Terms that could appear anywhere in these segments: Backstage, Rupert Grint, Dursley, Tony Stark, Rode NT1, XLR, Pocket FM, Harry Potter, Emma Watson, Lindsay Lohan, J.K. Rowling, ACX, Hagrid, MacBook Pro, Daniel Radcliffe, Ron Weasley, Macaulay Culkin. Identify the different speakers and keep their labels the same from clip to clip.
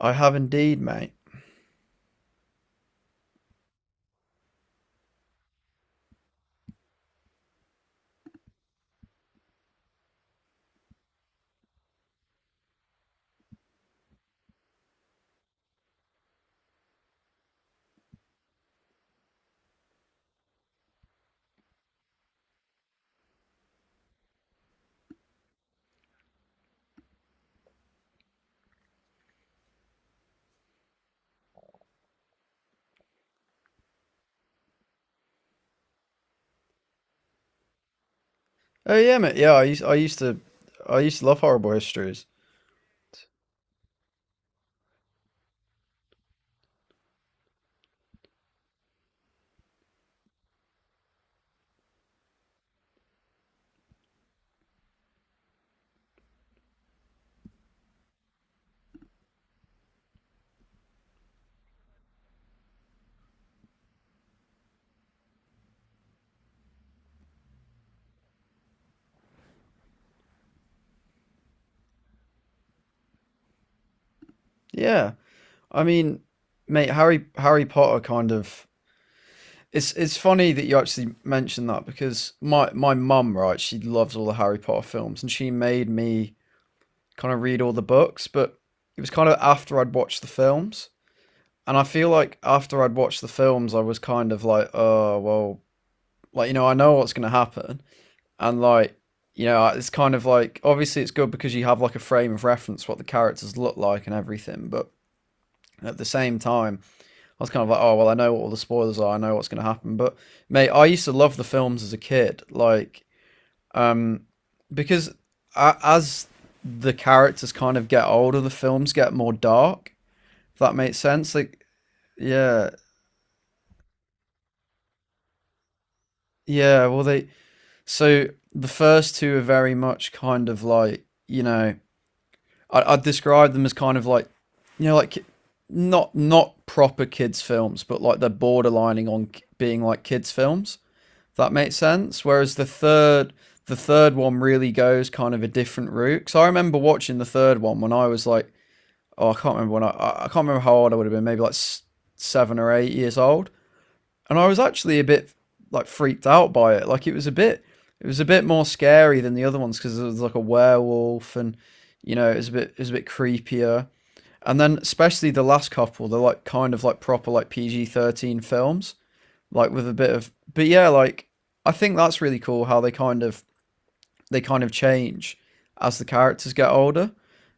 Speaker 1: I have indeed, mate. Oh yeah, mate. Yeah, I used to love horrible histories. Yeah. I mean, mate, Harry Potter kind of it's funny that you actually mentioned that because my mum, right, she loves all the Harry Potter films and she made me kind of read all the books, but it was kind of after I'd watched the films. And I feel like after I'd watched the films, I was kind of like, oh, well, like, you know, I know what's going to happen, and like, you know, it's kind of like, obviously it's good because you have like a frame of reference what the characters look like and everything, but at the same time, I was kind of like, oh, well, I know what all the spoilers are, I know what's going to happen, but mate, I used to love the films as a kid, like um because as the characters kind of get older, the films get more dark, if that makes sense. Like, yeah. Yeah, well, they... So the first two are very much kind of like, you know, I'd describe them as kind of like, you know, like not proper kids films, but like they're borderlining on being like kids films. If that makes sense. Whereas the third one really goes kind of a different route. Because I remember watching the third one when I was like, oh, I can't remember how old I would have been. Maybe like 7 or 8 years old, and I was actually a bit like freaked out by it. Like it was a bit more scary than the other ones because it was like a werewolf, and you know, it was a bit creepier. And then especially the last couple, they're like kind of like proper, like PG-13 films, like with a bit of. But yeah, like I think that's really cool how they kind of change as the characters get older,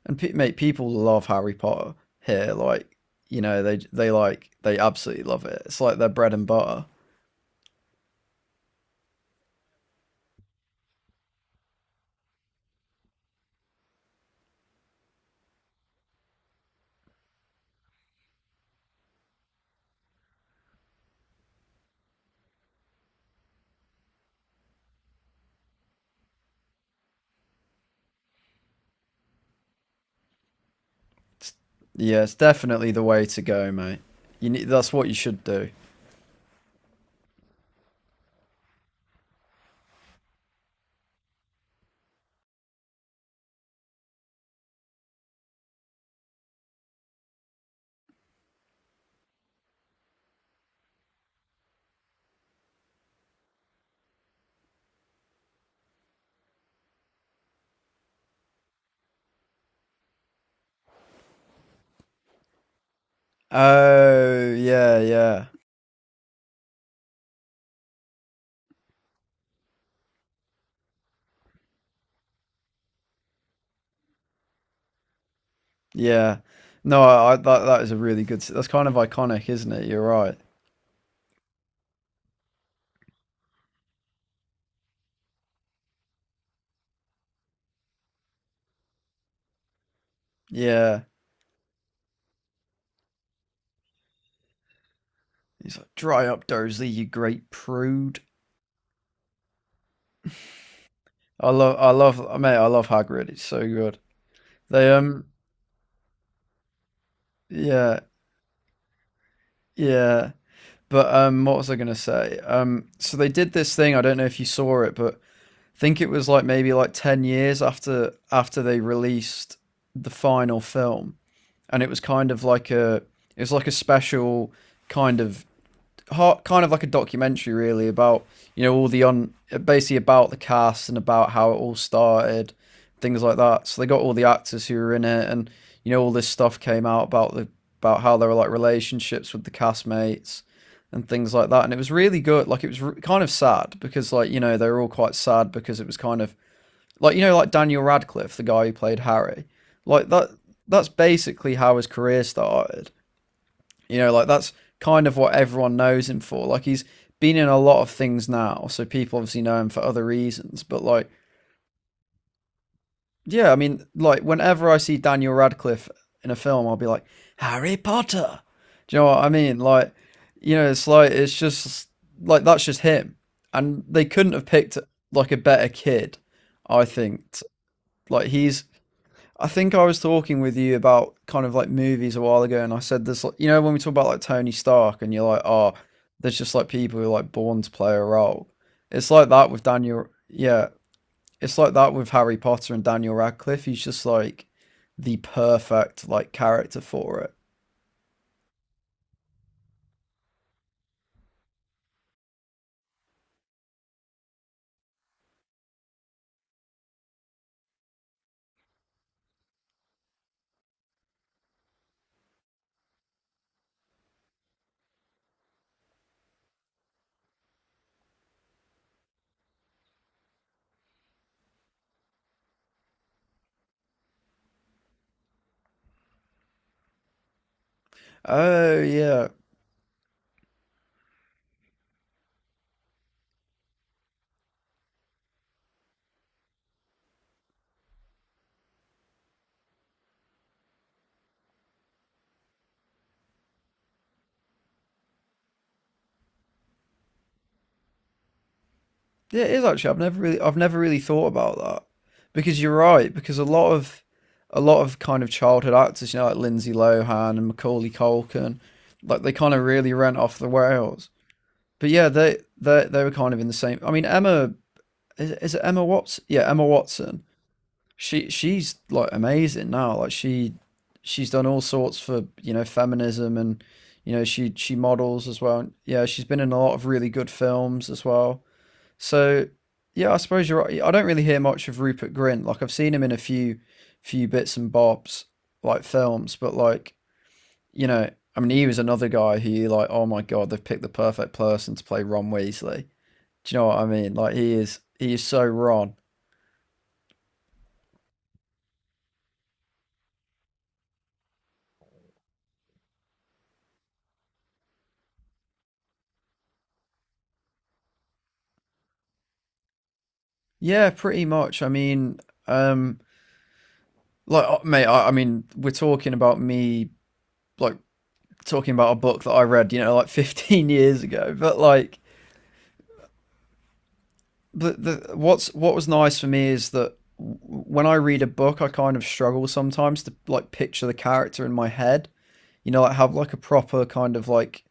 Speaker 1: and mate, people love Harry Potter here. Like, you know, they like they absolutely love it. It's like their bread and butter. Yeah, it's definitely the way to go, mate. You need, that's what you should do. Oh, yeah, yeah, yeah. No, I that is a really good. That's kind of iconic, isn't it? You're right. Yeah, he's like, "Dry up, Dursley, you great prude." I love, mate, I love Hagrid. It's so good. They Yeah, yeah. But what was I gonna say? So they did this thing. I don't know if you saw it, but I think it was like maybe like 10 years after they released the final film, and it was kind of like a, it was like a special kind of kind of like a documentary really about, you know, all the on basically about the cast and about how it all started, things like that. So they got all the actors who were in it, and you know all this stuff came out about the, about how there were like relationships with the castmates, and things like that. And it was really good. Like it was kind of sad because like you know they were all quite sad because it was kind of like, you know, like Daniel Radcliffe, the guy who played Harry. Like that's basically how his career started. You know, like that's kind of what everyone knows him for. Like he's been in a lot of things now, so people obviously know him for other reasons, but like yeah, I mean like whenever I see Daniel Radcliffe in a film, I'll be like Harry Potter. Do you know what I mean? Like, you know, it's like it's just like that's just him. And they couldn't have picked like a better kid, I think. Like he's, I think I was talking with you about kind of like movies a while ago, and I said this, like, you know, when we talk about like Tony Stark, and you're like, oh, there's just like people who are like born to play a role. It's like that with Daniel. Yeah, it's like that with Harry Potter and Daniel Radcliffe. He's just like the perfect like character for it. Oh yeah. Yeah, it is actually. I've never really thought about that because you're right. Because a lot of kind of childhood actors, you know, like Lindsay Lohan and Macaulay Culkin, like they kind of really rent off the rails. But yeah, they were kind of in the same. I mean, Emma is it Emma Watson? Yeah, Emma Watson. She's like amazing now. Like she's done all sorts for, you know, feminism, and you know she models as well. Yeah, she's been in a lot of really good films as well. So yeah, I suppose you're right. I don't really hear much of Rupert Grint. Like I've seen him in a few bits and bobs, like films, but like, you know, I mean he was another guy who you like, oh my god, they've picked the perfect person to play Ron Weasley. Do you know what I mean? Like he is so Ron. Yeah, pretty much. I mean, um like mate, I mean, we're talking about me like talking about a book that I read, you know, like 15 years ago, but like the what was nice for me is that when I read a book, I kind of struggle sometimes to like picture the character in my head. You know, like have like a proper kind of like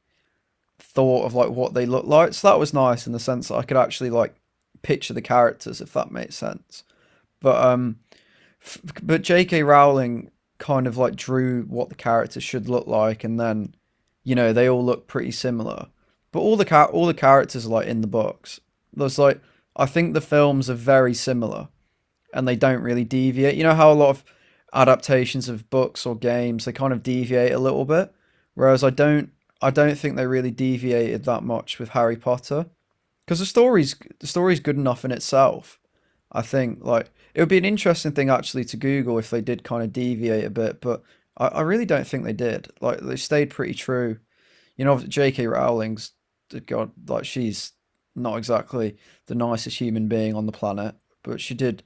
Speaker 1: thought of like what they look like. So that was nice in the sense that I could actually like picture the characters, if that makes sense. But um but J.K. Rowling kind of like drew what the characters should look like, and then you know they all look pretty similar. But all the all the characters are like in the books. There's like, I think the films are very similar, and they don't really deviate. You know how a lot of adaptations of books or games they kind of deviate a little bit, whereas I don't think they really deviated that much with Harry Potter because the story's good enough in itself. I think like it would be an interesting thing actually to Google if they did kind of deviate a bit, but I really don't think they did. Like they stayed pretty true. You know, J.K. Rowling's God, like she's not exactly the nicest human being on the planet, but she did,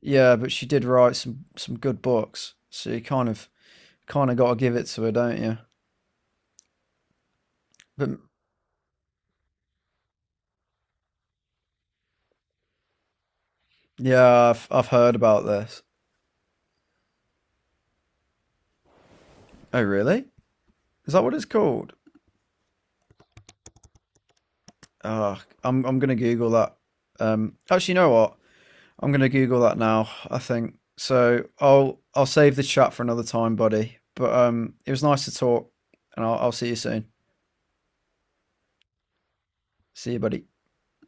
Speaker 1: yeah, but she did write some good books. So you kind of got to give it to her, don't you? But yeah, I've heard about this. Oh, really? Is that what it's called? Oh, I'm gonna Google that. Actually, you know what? I'm gonna Google that now, I think. So I'll save the chat for another time, buddy. But it was nice to talk, and I'll see you soon. See you, buddy.